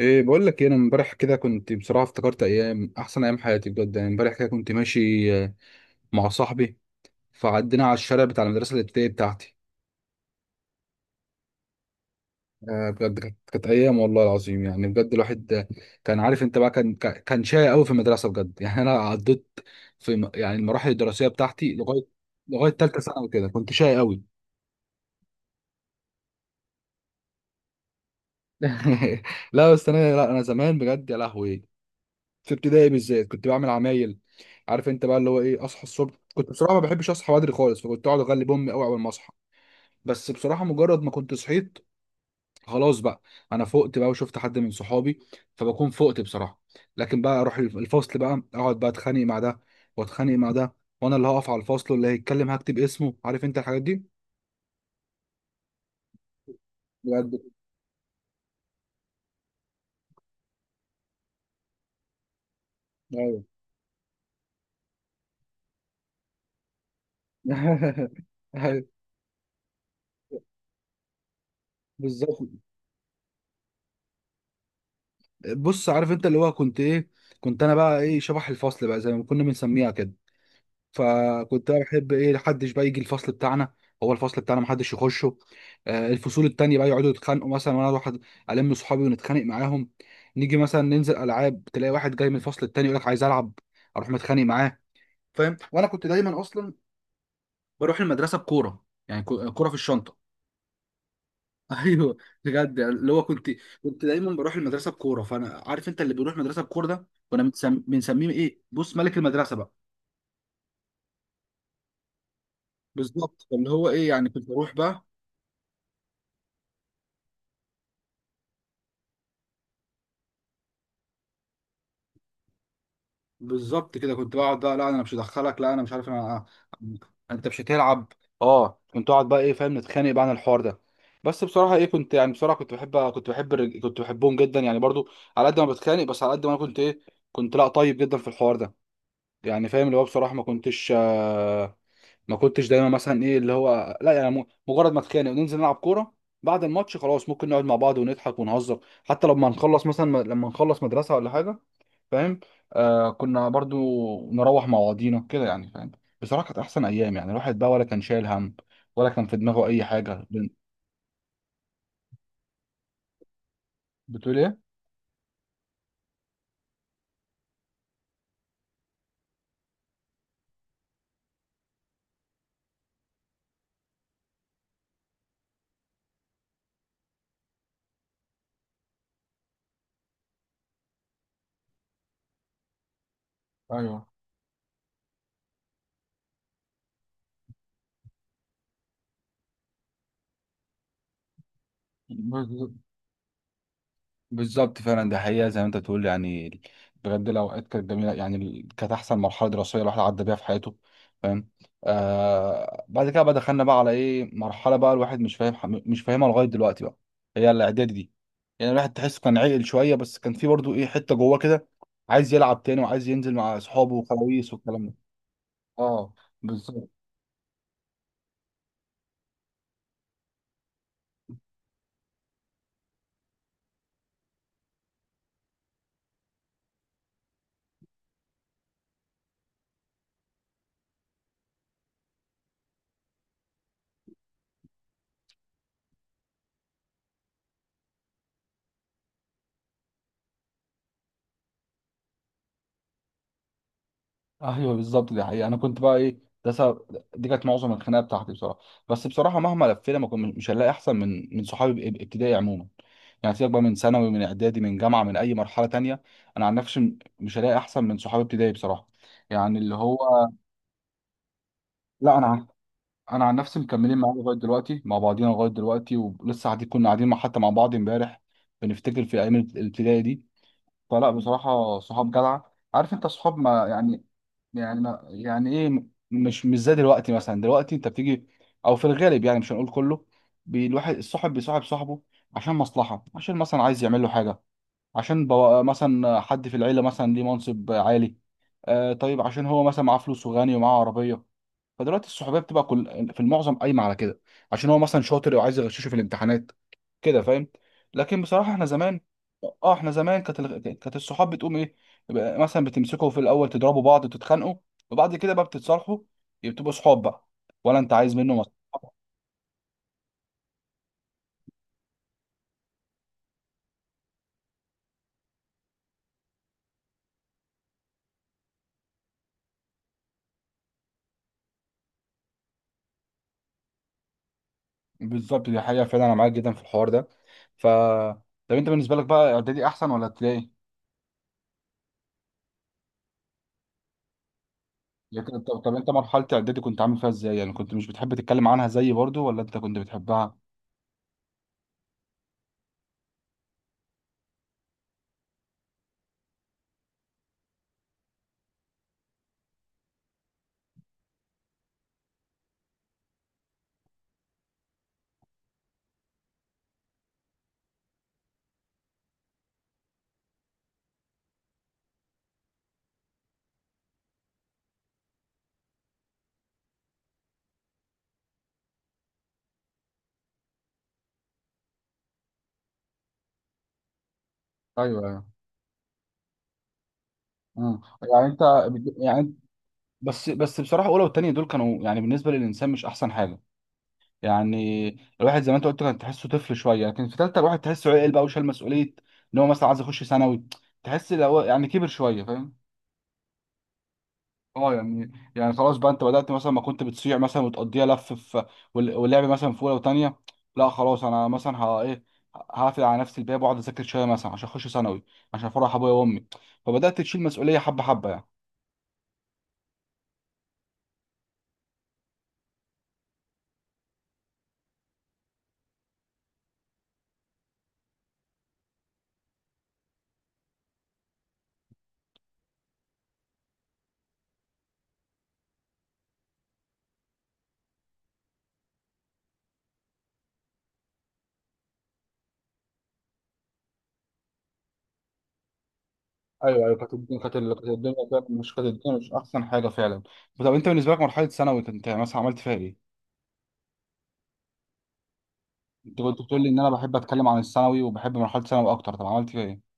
ايه بقول لك إيه، انا امبارح كده كنت بصراحه افتكرت ايام احسن ايام حياتي بجد يعني. امبارح كده كنت ماشي مع صاحبي، فعدينا على الشارع بتاع المدرسه الابتدائيه بتاعتي. بجد كانت ايام، والله العظيم يعني بجد. الواحد كان عارف انت بقى كان شقي قوي في المدرسه بجد. يعني انا عديت في يعني المراحل الدراسيه بتاعتي لغايه ثالثه ثانوي، كده كنت شقي قوي. لا بس انا، لا انا زمان بجد يا لهوي، في ابتدائي بالذات كنت بعمل عمايل. عارف انت بقى اللي هو ايه، اصحى الصبح كنت بصراحه ما بحبش اصحى بدري خالص، فكنت اقعد اغلب امي قوي اول ما اصحى. بس بصراحه مجرد ما كنت صحيت خلاص بقى، انا فقت بقى وشفت حد من صحابي، فبكون فقت بصراحه. لكن بقى اروح الفصل بقى اقعد بقى اتخانق مع ده واتخانق مع ده، وانا اللي هقف على الفصل واللي هيتكلم هكتب اسمه، عارف انت الحاجات دي. بجد. ايوه. أيوة، بالظبط. بص عارف انت اللي هو كنت ايه، كنت انا بقى ايه شبح الفصل بقى زي ما كنا بنسميها كده. فكنت أنا بحب ايه، محدش بقى يجي الفصل بتاعنا، هو الفصل بتاعنا محدش يخشه. الفصول التانية بقى يقعدوا يتخانقوا مثلا، وانا اروح الم صحابي ونتخانق معاهم. نيجي مثلا ننزل العاب، تلاقي واحد جاي من الفصل التاني يقول لك عايز العب، اروح متخانق معاه، فاهم. وانا كنت دايما اصلا بروح المدرسه بكوره، يعني كوره في الشنطه. ايوه بجد يعني اللي هو كنت، كنت دايما بروح المدرسه بكوره، فانا عارف انت اللي بيروح المدرسه بكوره ده، كنا بنسميه ايه، بص، ملك المدرسه بقى. بالظبط اللي هو ايه، يعني كنت بروح بقى. بالظبط كده كنت بقعد بقى، لا انا مش هدخلك، لا انا مش عارف انا، انت مش هتلعب. اه كنت اقعد بقى ايه، فاهم، نتخانق بقى عن الحوار ده. بس بصراحه ايه، كنت يعني بصراحه، كنت بحبهم جدا يعني برضو، على قد ما بتخانق، بس على قد ما انا كنت ايه، كنت لا طيب جدا في الحوار ده. يعني فاهم اللي هو بصراحه، ما كنتش دايما مثلا ايه اللي هو لا يعني، مجرد ما اتخانق وننزل نلعب كوره، بعد الماتش خلاص ممكن نقعد مع بعض ونضحك ونهزر، حتى لما نخلص مثلا، لما نخلص مدرسه ولا حاجه، فاهم. آه، كنا برضو نروح مع بعضينا كده يعني، فاهم. بصراحة كانت أحسن أيام، يعني الواحد بقى ولا كان شايل هم، ولا كان في دماغه أي حاجة بتقول إيه؟ ايوه بالظبط، فعلا ده حقيقة زي ما انت بتقول يعني. بجد الأوقات كانت جميلة، يعني كانت أحسن مرحلة دراسية الواحد عدى بيها في حياته، فاهم. آه بعد كده بقى دخلنا بقى على إيه، مرحلة بقى الواحد مش فاهم، مش فاهمها لغاية دلوقتي بقى، هي الإعدادي دي. يعني الواحد تحسه كان عاقل شوية، بس كان في برضه إيه حتة جواه كده، عايز يلعب تاني وعايز ينزل مع أصحابه وخلاويص والكلام ده. اه بالظبط. ايوه بالظبط، دي حقيقة انا كنت بقى ايه، ده سبب، دي كانت معظم الخناقه بتاعتي بصراحه. بس بصراحه مهما لفينا، ما كنت مش هنلاقي احسن من صحابي ابتدائي عموما. يعني سيبك بقى من ثانوي، من اعدادي، من جامعه، من اي مرحله تانية، انا عن نفسي مش هلاقي احسن من صحابي ابتدائي بصراحه، يعني اللي هو. لا انا عن- انا عن نفسي مكملين معايا لغايه دلوقتي، مع بعضينا لغايه دلوقتي، ولسه قاعدين، كنا قاعدين مع، حتى مع بعض امبارح بنفتكر في ايام الابتدائي دي. فلا بصراحة، صحاب جدعة، عارف انت صحاب، ما يعني يعني ما يعني ايه، مش مش زي دلوقتي، مثلا دلوقتي انت بتيجي، او في الغالب يعني مش هنقول كله، الواحد الصاحب بيصاحب صاحبه عشان مصلحة، عشان مثلا عايز يعمل له حاجة، عشان مثلا حد في العيلة مثلا ليه منصب عالي، آه طيب عشان هو مثلا معاه فلوس وغني ومعاه عربية. فدلوقتي الصحوبيه بتبقى كل، في المعظم قايمه على كده، عشان هو مثلا شاطر او عايز يغششه في الامتحانات، كده فاهم. لكن بصراحه احنا زمان، اه احنا زمان كانت كانت الصحاب بتقوم ايه، يبقى مثلا بتمسكوا في الاول تضربوا بعض تتخانقوا، وبعد كده بقى بتتصالحوا، يبقى بتبقوا صحاب بقى، ولا انت عايز منه مصلحه. بالظبط دي حقيقه، فعلا انا معاك جدا في الحوار ده. ف، طب انت بالنسبه لك بقى، اعدادي احسن ولا ابتدائي؟ لكن طب، طب انت مرحله اعدادي كنت عامل فيها ازاي يعني، كنت مش بتحب تتكلم عنها زيي برضو ولا انت كنت بتحبها؟ ايوه. مم. يعني انت يعني، بس بصراحه اولى والتانيه دول كانوا يعني بالنسبه للانسان مش احسن حاجه يعني. الواحد زي ما انت قلت كان تحسه طفل شويه، لكن في تالته الواحد تحسه عقل بقى وشال مسؤوليه، ان هو مثلا عايز يخش ثانوي، تحس لو هو يعني كبر شويه، فاهم. اه يعني يعني خلاص بقى، انت بدات مثلا ما كنت بتصيع مثلا وتقضيها لف في واللعب مثلا في اولى وتانيه، لا خلاص انا مثلا ها ايه، هقفل على نفسي الباب واقعد اذاكر شويه مثلا عشان اخش ثانوي، عشان افرح ابويا وامي. فبدات تشيل مسؤوليه حبه حبه يعني. ايوه ايوه كانت الدنيا، كانت كانت الدنيا فعلا، مش كانت الدنيا مش احسن حاجه فعلا. طب انت بالنسبه لك مرحله ثانوي، انت مثلا عملت فيها ايه؟ انت كنت بتقول لي ان انا بحب اتكلم عن الثانوي وبحب مرحله ثانوي اكتر، طب عملت فيها ايه؟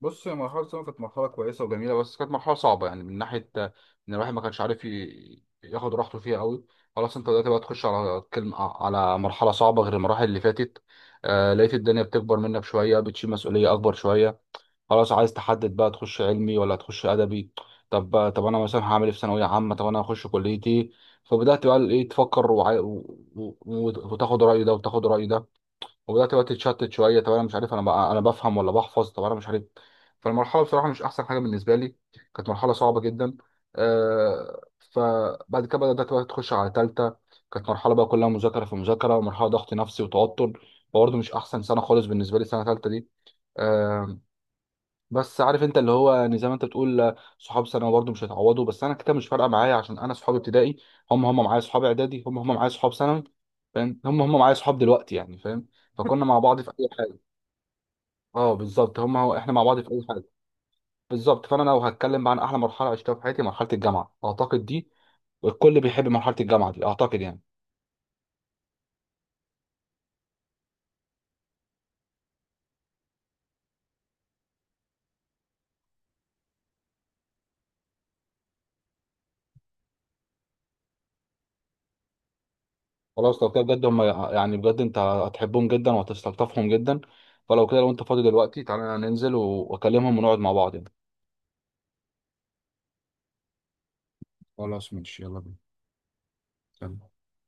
بص، هي مرحلة ثانوي كانت مرحلة كويسة وجميلة، بس كانت مرحلة صعبة يعني من ناحية إن الواحد ما كانش عارف ياخد راحته فيها أوي. خلاص أنت دلوقتي بقى تخش على كلمة، على مرحلة صعبة غير المراحل اللي فاتت. آه لقيت الدنيا بتكبر منك شوية، بتشيل مسؤولية أكبر شوية، خلاص عايز تحدد بقى تخش علمي ولا تخش ادبي، طب طب انا مثلا هعمل ايه في ثانويه عامه، طب انا هخش كليتي. فبدات بقى ايه تفكر وتاخد راي ده وتاخد راي ده، وبدات بقى تتشتت شويه، طب انا مش عارف انا بقى، انا بفهم ولا بحفظ، طب انا مش عارف. فالمرحله بصراحه مش احسن حاجه بالنسبه لي، كانت مرحله صعبه جدا. فبعد كده بدات بقى تخش على ثالثه، كانت مرحله بقى كلها مذاكره في مذاكره، ومرحله ضغط نفسي وتوتر، برضه مش احسن سنه خالص بالنسبه لي سنه ثالثه دي. آه، بس عارف انت اللي هو يعني، زي ما انت بتقول صحاب ثانوي برضه مش هيتعوضوا، بس انا كده مش فارقه معايا، عشان انا صحابي ابتدائي هم هم معايا، صحاب اعدادي هم هم معايا، صحاب ثانوي فاهم هم هم معايا، صحاب دلوقتي يعني فاهم، فكنا مع بعض في اي حاجه. اه بالظبط، هم هو احنا مع بعض في اي حاجه. بالظبط، فانا لو هتكلم بقى عن احلى مرحله عشتها في حياتي، مرحله الجامعه اعتقد دي، الكل بيحب مرحله الجامعه دي اعتقد يعني. خلاص لو كده بجد هم، يعني بجد انت هتحبهم جدا وهتستلطفهم جدا. فلو كده، لو انت فاضي دلوقتي تعالى ننزل واكلمهم ونقعد مع بعض يعني. خلاص ماشي، يلا بينا. يلا.